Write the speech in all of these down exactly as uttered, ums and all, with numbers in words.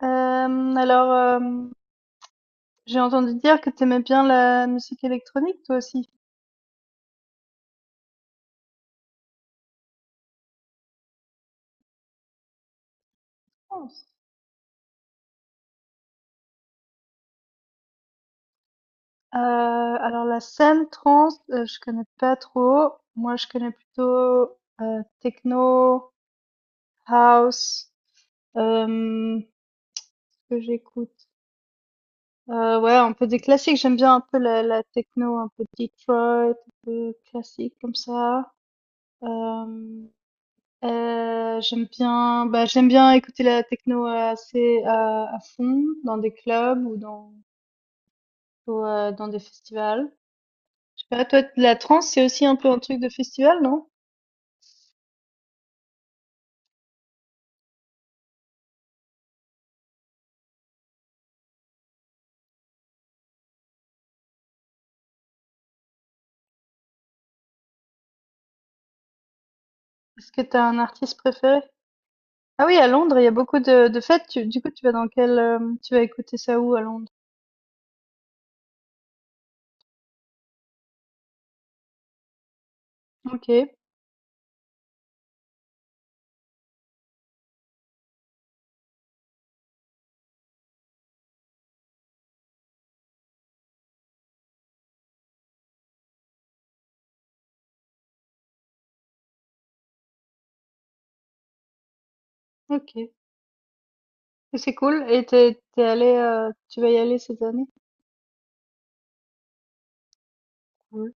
Hem, alors, hem, j'ai entendu dire que t'aimais bien la musique électronique, toi aussi? Trance. Euh, alors la scène trance, euh, je connais pas trop. Moi, je connais plutôt euh, techno, house. Euh, ce que j'écoute. Euh, ouais, un peu des classiques. J'aime bien un peu la, la techno, un peu Detroit, un peu classique comme ça. Euh, Euh, j'aime bien, bah, j'aime bien écouter la techno, euh, assez à, à fond dans des clubs ou dans ou, euh, dans des festivals. Je sais pas, toi, la trance, c'est aussi un peu un truc de festival, non? Est-ce que t'as un artiste préféré? Ah oui, à Londres, il y a beaucoup de, de fêtes. Tu- du coup, tu vas dans quel, euh, tu vas écouter ça où à Londres? Ok, ok. Et c'est cool. Et t'es, t'es allé, euh, tu vas y aller cette année? Cool.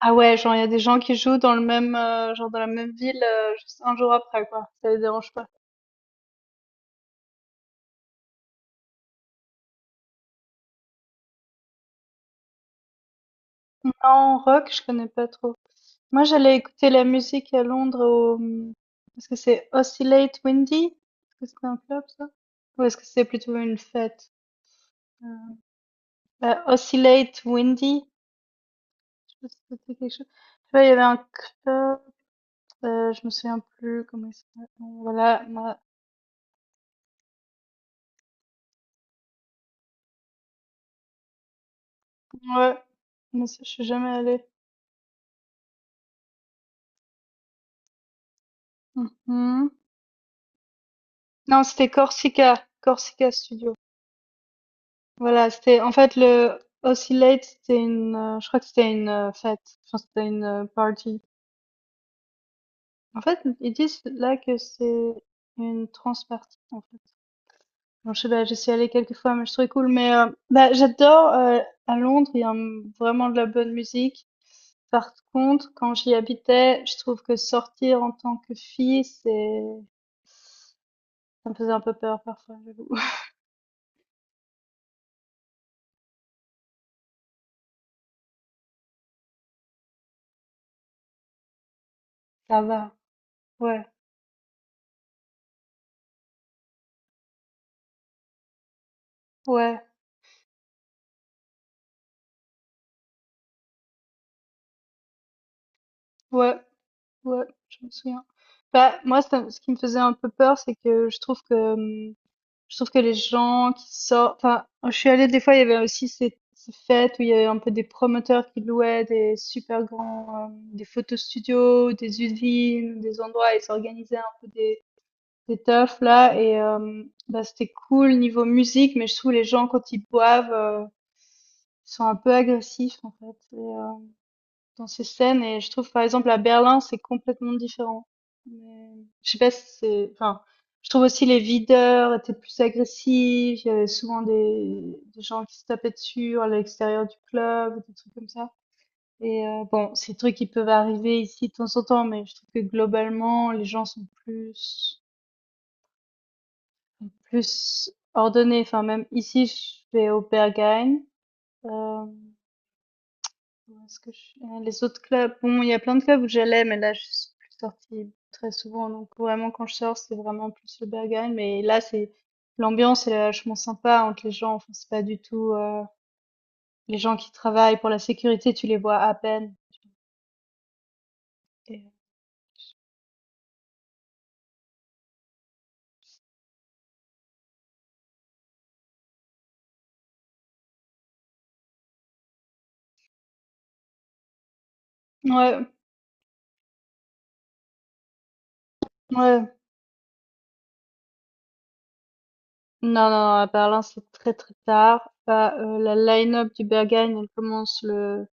Ah ouais, genre il y a des gens qui jouent dans le même, euh, genre dans la même ville, euh, juste un jour après, quoi. Ça les dérange pas. En rock, je connais pas trop. Moi, j'allais écouter la musique à Londres au, est-ce que c'est Oscillate Windy? Est-ce que c'est un club, ça? Ou est-ce que c'est plutôt une fête? Euh, Bah, Oscillate Windy. Je sais pas si ça te dit quelque chose. Je sais pas, il y avait un club, euh, je me souviens plus comment il s'appelait. Bon, voilà, moi- ouais. Mais ça, je suis jamais allée. Mhm. Non, c'était Corsica, Corsica Studio. Voilà, c'était en fait le Oscillate. C'était une, heu, je crois que c'était une, heu, fête, enfin c'était une, heu, party. En fait, ils disent là que c'est une trans party en fait. Bon, je sais pas, j'y suis allée quelques fois, mais je trouvais cool, mais, heu, bah, j'adore. Heu, à Londres, il y a, mmh, vraiment de la bonne musique. Par contre, quand j'y habitais, je trouve que sortir en tant que fille, c'est ça me faisait un peu peur parfois, j'avoue. Ça va, ouais, ouais, ouais. Ouais, je me souviens. Bah, moi, ça- ce qui me faisait un peu peur, c'est que je trouve que, hum, je trouve que les gens qui sortent, enfin, je suis allée des fois, il y avait aussi ces, ces fêtes où il y avait un peu des promoteurs qui louaient des super grands, hum, des photos studios, des usines, des endroits, et s'organisaient un peu des, des teufs là, et hum, bah, c'était cool niveau musique, mais je trouve les gens quand ils boivent, euh, ils sont un peu agressifs en fait dans ces scènes. Et je trouve par exemple à Berlin c'est complètement différent. Mais je sais pas si c'est, enfin, je trouve aussi les videurs étaient plus agressifs, il y avait souvent des, des gens qui se tapaient dessus à l'extérieur du club, des trucs comme ça. Et euh, bon, ces trucs qui peuvent arriver ici de temps en temps, mais je trouve que globalement les gens sont plus plus ordonnés. Enfin, même ici je vais au Berghain. euh, Où est-ce que je suis? Ah, les autres clubs, bon, il y a plein de clubs où j'allais, mais là, je suis plus sortie très souvent. Donc, vraiment, quand je sors, c'est vraiment plus le Berghain. Mais là, c'est, l'ambiance, elle est vachement sympa entre les gens. Enfin, c'est pas du tout, euh, les gens qui travaillent pour la sécurité, tu les vois à peine. Et- Ouais, ouais. Non, non, non, à Berlin, c'est très, très tard. Bah, euh, la line-up du Berghain, elle commence le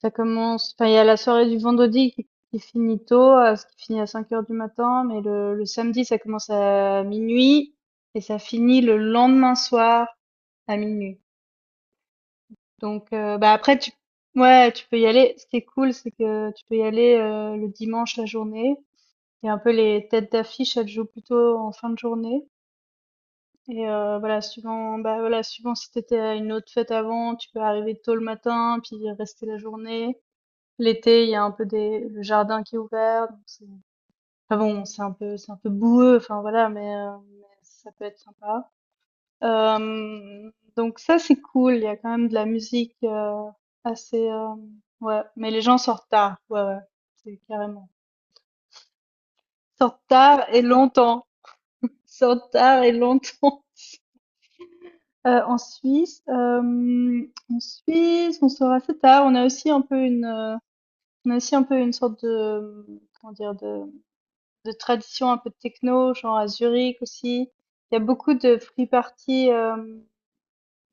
Ça commence enfin, il y a la soirée du vendredi qui qui finit tôt, heu, ce qui finit à cinq heures du matin, mais le le samedi, ça commence à minuit et ça finit le lendemain soir à minuit. Donc heu, bah, après tu ouais, tu peux y aller. Ce qui est cool, c'est que tu peux y aller, heu, le dimanche, la journée, et un peu les têtes d'affiche, elles jouent plutôt en fin de journée. Et heu, voilà, suivant, bah, voilà, suivant si t'étais à une autre fête avant, tu peux arriver tôt le matin puis rester la journée. L'été, il y a un peu des le jardin qui est ouvert, donc c'est enfin bon, c'est un peu c'est un peu boueux, enfin voilà, mais, heu, mais ça peut être sympa. Hem, donc ça, c'est cool. Il y a quand même de la musique, heu, assez. Hem, ouais, mais les gens sortent tard. Ouais, ouais, c'est carrément. Sortent tard et longtemps. Sortent tard et longtemps. Heu, en Suisse, hem, en Suisse, on sort assez tard. On a aussi un peu une, heu, on a aussi un peu une sorte de, mmh, comment dire? De de tradition un peu techno, genre à Zurich aussi. Il y a beaucoup de free parties, euh,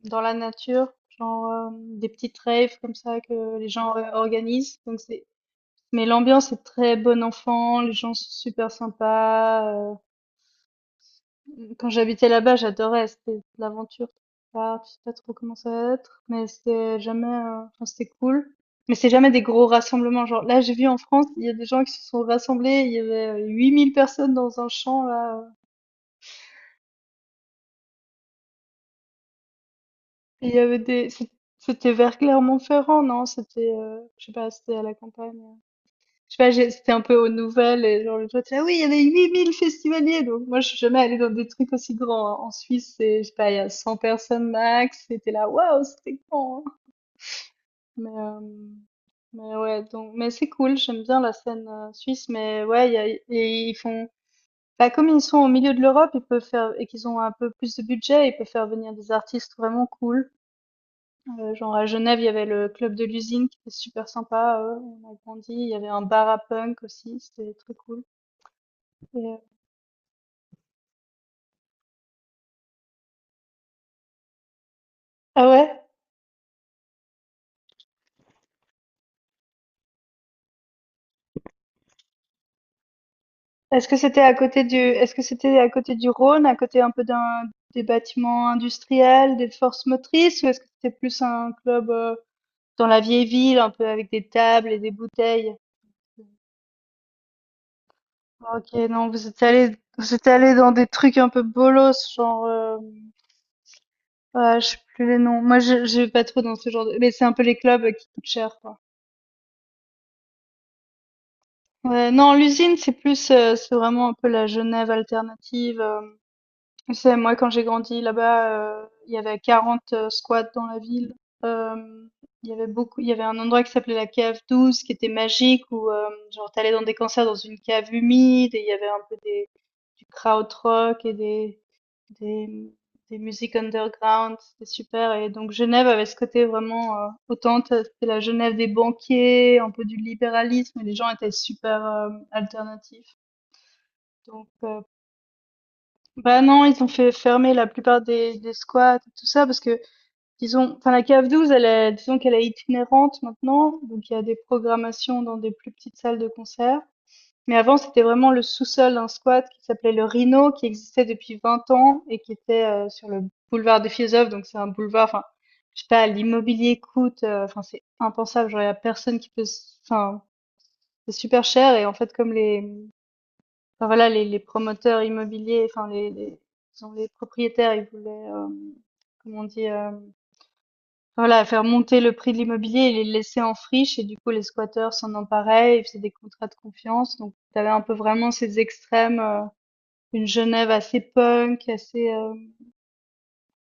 dans la nature, genre, euh, des petites raves comme ça que les gens euh, organisent. Donc c'est Mais l'ambiance est très bon enfant, les gens sont super sympas. euh. Quand j'habitais là-bas, j'adorais, c'était de l'aventure. Ah, je sais pas trop comment ça va être, mais c'était jamais, euh, enfin, c'était cool. Mais c'est jamais des gros rassemblements. Genre là, j'ai vu en France, il y a des gens qui se sont rassemblés, il y avait euh, huit mille personnes dans un champ là. Il y avait des c'ét C'était vers Clermont-Ferrand, non? C'était, heu, je sais pas, c'était à la campagne, je sais pas, j'ai c'était un peu aux nouvelles et genre, l'autre: «Ah oui, il y avait huit mille festivaliers!» Donc moi, je suis jamais allée dans des trucs aussi grands, hein. En Suisse, c'est, je sais pas, il y a cent personnes max, c'était là: «Waouh, c'était grand, hein!» mais hem, mais ouais, donc mais c'est cool, j'aime bien la scène, heu, suisse, mais ouais, il y a et ils font bah, comme ils sont au milieu de l'Europe, ils peuvent faire et qu'ils ont un peu plus de budget, ils peuvent faire venir des artistes vraiment cool. Heu, genre à Genève, il y avait le club de l'usine qui était super sympa, heu, on a grandi, il y avait un bar à punk aussi, c'était très cool et heu ah ouais? Est-ce que c'était à côté du est-ce que c'était à côté du Rhône, à côté un peu d'un des bâtiments industriels, des forces motrices? Ou est-ce que c'était plus un club, heu, dans la vieille ville, un peu avec des tables et des bouteilles? OK, non, vous êtes allés vous êtes allés dans des trucs un peu bolos, genre. Hem, ah, je sais plus les noms. Moi, je je vais pas trop dans ce genre de mais c'est un peu les clubs qui coûtent cher, quoi. Ouais, non, l'usine, c'est plus, heu, c'est vraiment un peu la Genève alternative. Hem, tu sais, moi, quand j'ai grandi là-bas, heu, il y avait quarante heu, squats dans la ville. Hem, il y avait beaucoup il y avait un endroit qui s'appelait la cave douze qui était magique où, hem, genre, tu allais dans des concerts dans une cave humide, et il y avait un peu des du krautrock et des des, des musiques underground, c'était super. Et donc Genève avait ce côté vraiment, euh, autant t'as- c'était la Genève des banquiers, un peu du libéralisme, et les gens étaient super, euh, alternatifs. Donc euh, bah, non, ils ont fait fermer la plupart des, des squats et tout ça, parce que disons, enfin la CAF douze, elle est, disons qu'elle est itinérante maintenant, donc il y a des programmations dans des plus petites salles de concert. Mais avant, c'était vraiment le sous-sol d'un squat qui s'appelait le Rhino, qui existait depuis vingt ans et qui était, euh, sur le boulevard des Philosophes. Donc, c'est un boulevard, enfin, je sais pas, l'immobilier coûte, euh, enfin, c'est impensable. Genre, il y a personne qui peut, s- enfin, c'est super cher. Et en fait, comme les, enfin, voilà, les, les promoteurs immobiliers, enfin, les, les, disons, les propriétaires, ils voulaient, euh, comment on dit, euh, voilà, faire monter le prix de l'immobilier et les laisser en friche. Et du coup, les squatteurs s'en emparaient. Ils faisaient des contrats de confiance. Donc, tu avais un peu vraiment ces extrêmes, euh, une Genève assez punk, assez, heu,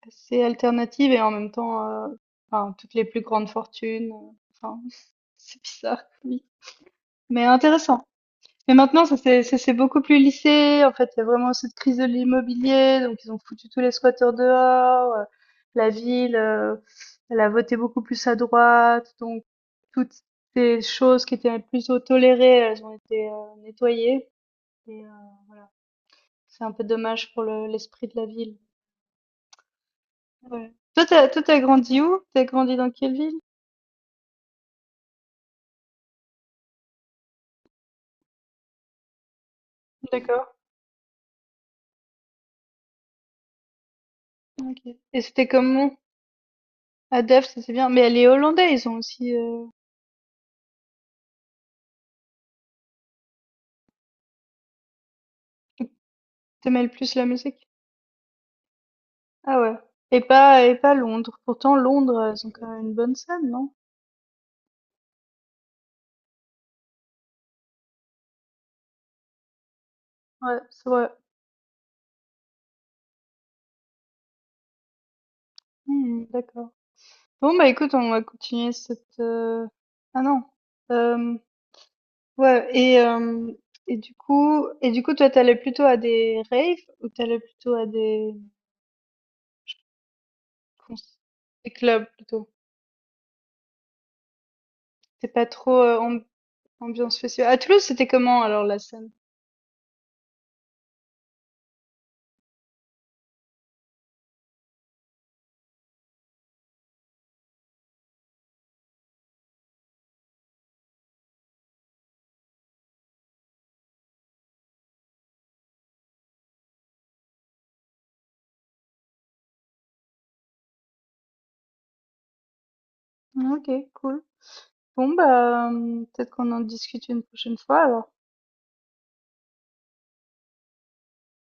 assez alternative, et en même temps, heu, enfin, toutes les plus grandes fortunes, heu, enfin, c'est bizarre, oui, mais intéressant. Mais maintenant, ça c'est ça c'est beaucoup plus lissé, en fait, il y a vraiment cette crise de l'immobilier, donc ils ont foutu tous les squatteurs dehors. Heu, la ville, heu, elle a voté beaucoup plus à droite, donc toutes ces choses qui étaient plutôt tolérées, elles ont été, heu, nettoyées. Et heu, c'est un peu dommage pour le l'esprit de la ville. Ouais. Toi, t'as toi, t'as grandi où? T'as grandi dans quelle ville? D'accord. OK. Et c'était comment? À Delft, ça c'est bien. Mais les Hollandais, ils ont aussi. Euh... T'aimes plus la musique? Ah ouais. Et pas et pas Londres. Pourtant, Londres, ils ont quand même une bonne scène, non? Ouais, c'est vrai. Hmm, d'accord. Bon, bah, écoute, on va continuer cette. euh, Ah non. Euh, ouais. Et euh, et du coup et du coup, toi, t'allais plutôt à des raves ou t'allais plutôt à des cons- des clubs plutôt? T'es pas trop. euh, amb- Ambiance festive. À Toulouse, c'était comment alors la scène? OK, cool. Bon, bah, hem, peut-être qu'on en discute une prochaine fois alors.